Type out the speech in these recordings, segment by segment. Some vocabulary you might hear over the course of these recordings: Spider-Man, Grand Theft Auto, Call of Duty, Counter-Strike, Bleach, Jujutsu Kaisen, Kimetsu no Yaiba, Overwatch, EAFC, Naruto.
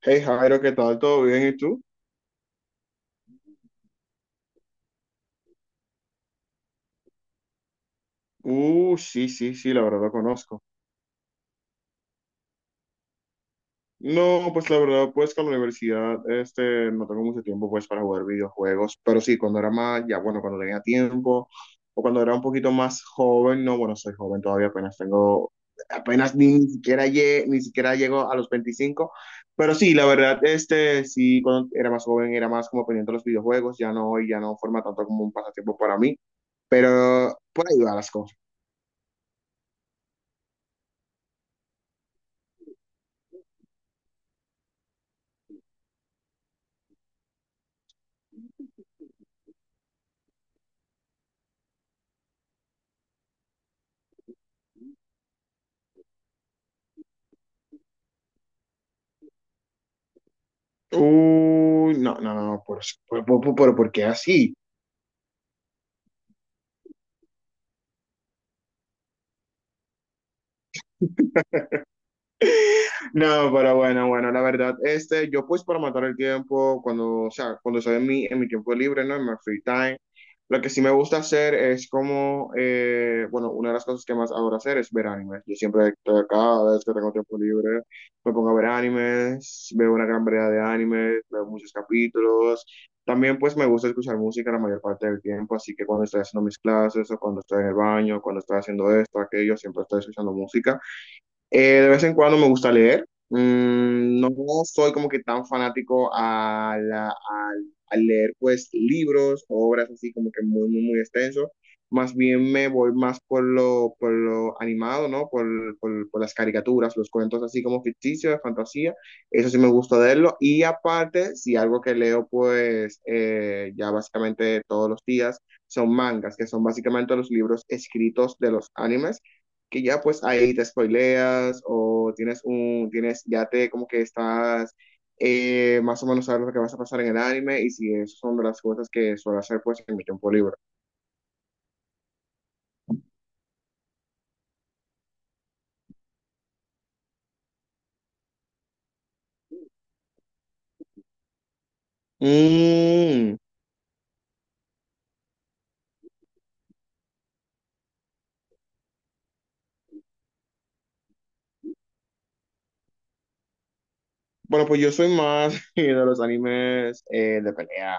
Hey Jairo, ¿qué tal? ¿Todo bien? ¿Y tú? Sí, sí, sí, la verdad lo conozco. No, pues la verdad, pues con la universidad, no tengo mucho tiempo pues para jugar videojuegos, pero sí, cuando era más, ya bueno, cuando tenía tiempo, o cuando era un poquito más joven, no, bueno, soy joven todavía, apenas tengo, apenas ni siquiera ni siquiera llego a los 25. Pero sí, la verdad, sí, cuando era más joven era más como pendiente de los videojuegos, ya no, ya no forma tanto como un pasatiempo para mí, pero por ahí van las cosas. Uy, no, no, no, ¿por qué así? No, pero bueno, bueno, la verdad, yo pues para matar el tiempo, cuando, o sea, cuando estoy en mi tiempo libre, ¿no? En mi free time, lo que sí me gusta hacer es como, bueno, una de las cosas que más adoro hacer es ver animes. Yo siempre, cada vez que tengo tiempo libre, me pongo a ver animes, veo una gran variedad de animes, veo muchos capítulos. También pues me gusta escuchar música la mayor parte del tiempo, así que cuando estoy haciendo mis clases o cuando estoy en el baño, cuando estoy haciendo esto, aquello, siempre estoy escuchando música. De vez en cuando me gusta leer. No soy como que tan fanático al leer pues libros, obras así como que muy, muy, muy extenso. Más bien me voy más por lo animado, ¿no? Por, por las caricaturas, los cuentos así como ficticios, de fantasía. Eso sí me gusta leerlo. Y aparte, si algo que leo pues ya básicamente todos los días son mangas, que son básicamente los libros escritos de los animes que ya pues ahí te spoileas o tienes un, tienes, ya te como que estás más o menos sabes lo que vas a pasar en el anime y si esas son de las cosas que suelo hacer pues en mi tiempo libre. Mm. Bueno, pues yo soy más de los animes de pelea.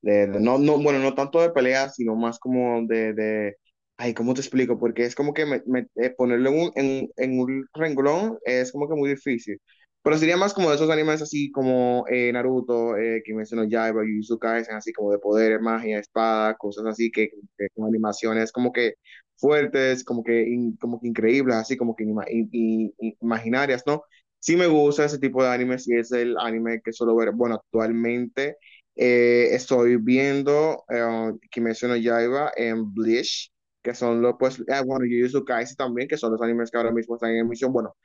No, no, bueno, no tanto de pelea, sino más como de... Ay, ¿cómo te explico? Porque es como que ponerlo en un, en un renglón es como que muy difícil. Pero sería más como de esos animes así como Naruto, Kimetsu no Yaiba, Jujutsu Kaisen, así como de poderes, magia, espada, cosas así que con animaciones como que fuertes, como que, como que increíbles, así como que imaginarias, ¿no? Sí me gusta ese tipo de anime, sí es el anime que suelo ver. Bueno, actualmente estoy viendo Kimetsu no Yaiba en Bleach, que son los, pues, bueno, Jujutsu Kaisen también, que son los animes que ahora mismo están en emisión. Bueno,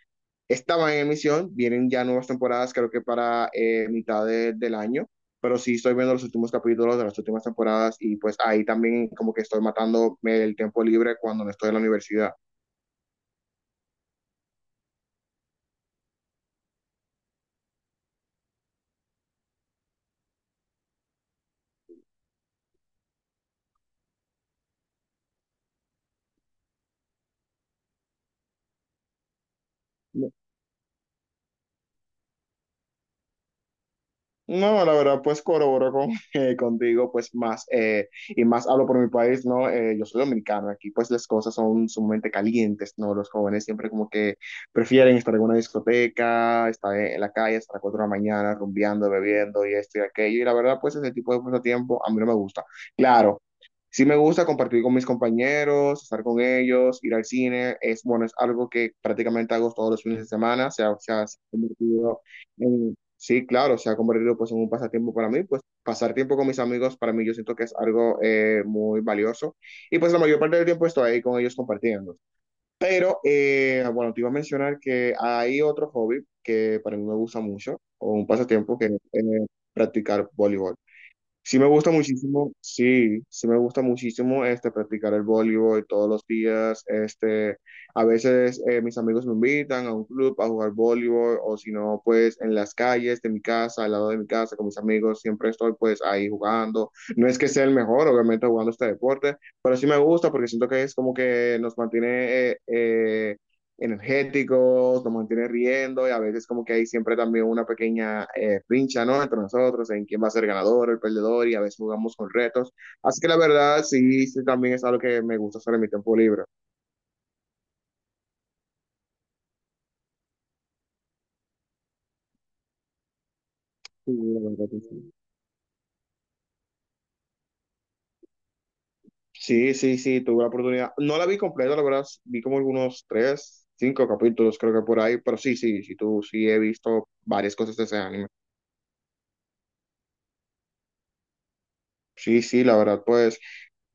estaban en emisión, vienen ya nuevas temporadas, creo que para mitad del año, pero sí estoy viendo los últimos capítulos de las últimas temporadas y pues ahí también como que estoy matando el tiempo libre cuando no estoy en la universidad. No, la verdad, pues corroboro con, contigo, pues más, y más hablo por mi país, ¿no? Yo soy dominicano, aquí pues las cosas son sumamente calientes, ¿no? Los jóvenes siempre como que prefieren estar en una discoteca, estar en la calle hasta las 4 de la mañana, rumbeando, bebiendo y esto y aquello, y la verdad, pues ese tipo de pasatiempo a mí no me gusta. Claro. Sí me gusta compartir con mis compañeros, estar con ellos, ir al cine. Es bueno, es algo que prácticamente hago todos los fines de semana. Se ha convertido en, sí, claro, se ha convertido pues en un pasatiempo para mí, pues pasar tiempo con mis amigos para mí yo siento que es algo muy valioso y pues la mayor parte del tiempo estoy ahí con ellos compartiendo. Pero bueno, te iba a mencionar que hay otro hobby que para mí me gusta mucho o un pasatiempo que es practicar voleibol. Sí me gusta muchísimo, sí, sí me gusta muchísimo practicar el voleibol todos los días, a veces mis amigos me invitan a un club a jugar voleibol o si no pues en las calles de mi casa, al lado de mi casa con mis amigos, siempre estoy pues ahí jugando. No es que sea el mejor, obviamente jugando este deporte, pero sí me gusta porque siento que es como que nos mantiene energéticos, nos mantiene riendo y a veces como que hay siempre también una pequeña rincha, ¿no? Entre nosotros, en quién va a ser ganador, el perdedor y a veces jugamos con retos. Así que la verdad, sí, sí también es algo que me gusta hacer en mi tiempo libre. Sí, la verdad que sí. Sí, sí, sí, tuve la oportunidad. No la vi completa, la verdad, vi como algunos tres, cinco capítulos creo que por ahí, pero sí, sí, sí, tú, sí he visto varias cosas de ese anime. Sí, sí, la verdad, pues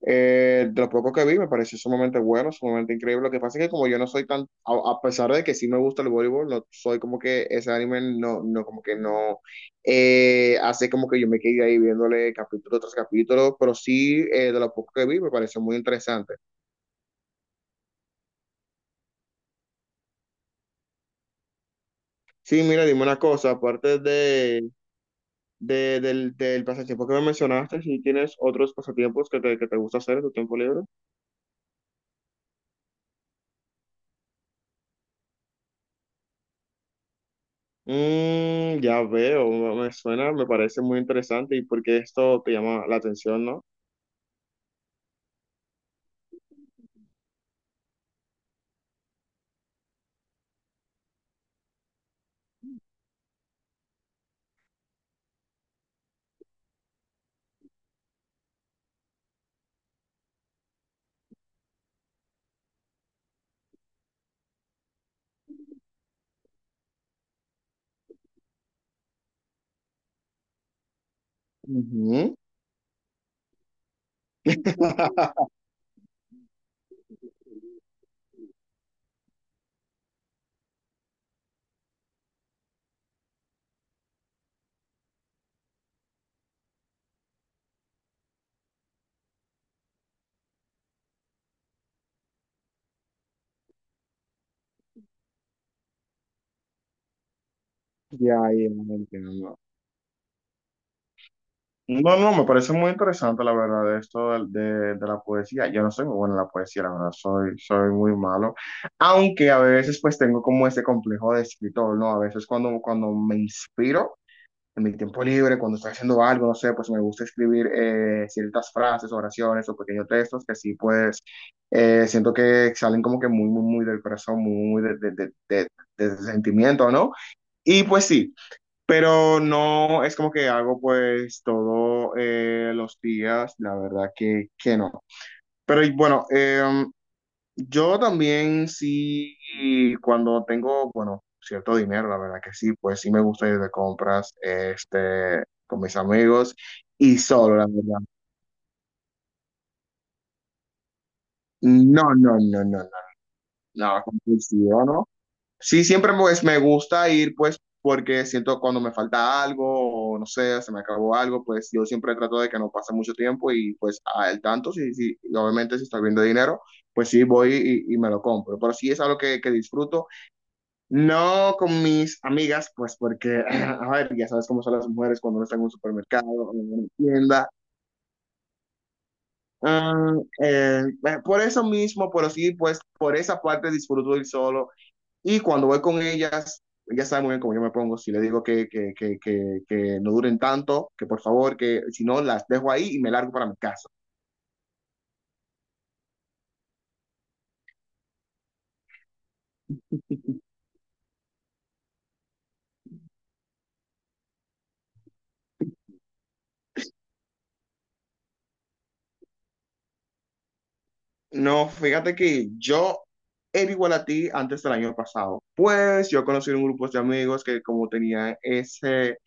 de lo poco que vi me pareció sumamente bueno, sumamente increíble. Lo que pasa es que como yo no soy tan, a pesar de que sí me gusta el voleibol, no soy como que ese anime no, no como que no hace como que yo me quedé ahí viéndole capítulo tras capítulo, pero sí de lo poco que vi me pareció muy interesante. Sí, mira, dime una cosa, aparte del pasatiempo que me mencionaste, si tienes otros pasatiempos que te gusta hacer en tu tiempo libre. Ya veo, me suena, me parece muy interesante y porque esto te llama la atención, ¿no? Ujú. Ya, ya, entiendo. No, no, me parece muy interesante la verdad esto de la poesía. Yo no soy muy bueno en la poesía, la verdad, soy, soy muy malo. Aunque a veces pues tengo como ese complejo de escritor, ¿no? A veces cuando me inspiro. En mi tiempo libre, cuando estoy haciendo algo, no sé, pues me gusta escribir ciertas frases, oraciones o pequeños textos que sí, pues siento que salen como que muy, muy, muy del corazón, muy, muy de, de, de sentimiento, ¿no? Y pues sí, pero no es como que hago pues todos los días, la verdad que no. Pero y bueno, yo también sí, cuando tengo, bueno, cierto dinero, la verdad que sí, pues sí me gusta ir de compras, con mis amigos y solo, la verdad. No, no, no, no, no, no, compulsivo, no. Sí, siempre pues me gusta ir, pues, porque siento cuando me falta algo, o no sé, se me acabó algo, pues yo siempre trato de que no pase mucho tiempo y pues al tanto, sí, sí, y obviamente si estoy viendo dinero, pues sí voy y me lo compro. Pero sí es algo que disfruto. No con mis amigas, pues porque, a ver, ya sabes cómo son las mujeres cuando no están en un supermercado o en una tienda. Ah, por eso mismo, pero sí, pues por esa parte disfruto ir solo. Y cuando voy con ellas, ya saben muy bien cómo yo me pongo. Si les digo que no duren tanto, que por favor, que si no, las dejo ahí y me largo para mi casa. No, fíjate que yo era igual a ti antes del año pasado. Pues yo conocí un grupo de amigos que como tenían ese,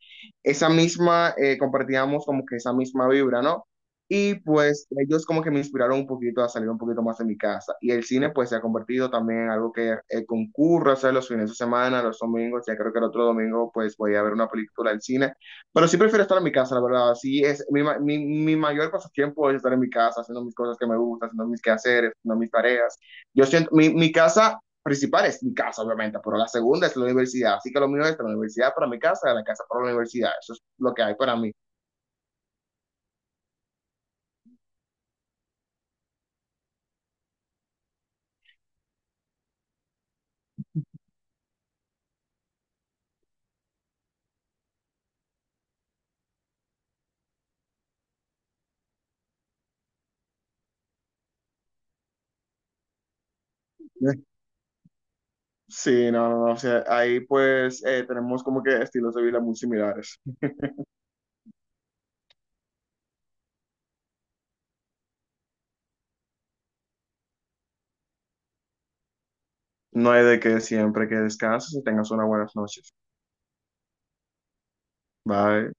esa misma, compartíamos como que esa misma vibra, ¿no? Y pues ellos como que me inspiraron un poquito a salir un poquito más de mi casa. Y el cine pues se ha convertido también en algo que concurre, o sea, los fines de semana, los domingos, ya creo que el otro domingo pues voy a ver una película al cine. Pero sí prefiero estar en mi casa, la verdad. Sí, es mi mayor pasatiempo es estar en mi casa, haciendo mis cosas que me gustan, haciendo mis quehaceres, haciendo mis tareas. Yo siento, mi casa principal es mi casa, obviamente, pero la segunda es la universidad. Así que lo mío es la universidad para mi casa, de la casa para la universidad. Eso es lo que hay para mí. Sí, no, no, no. O sea, ahí pues tenemos como que estilos de vida muy similares. No hay de que siempre que descanses y tengas unas buenas noches. Bye.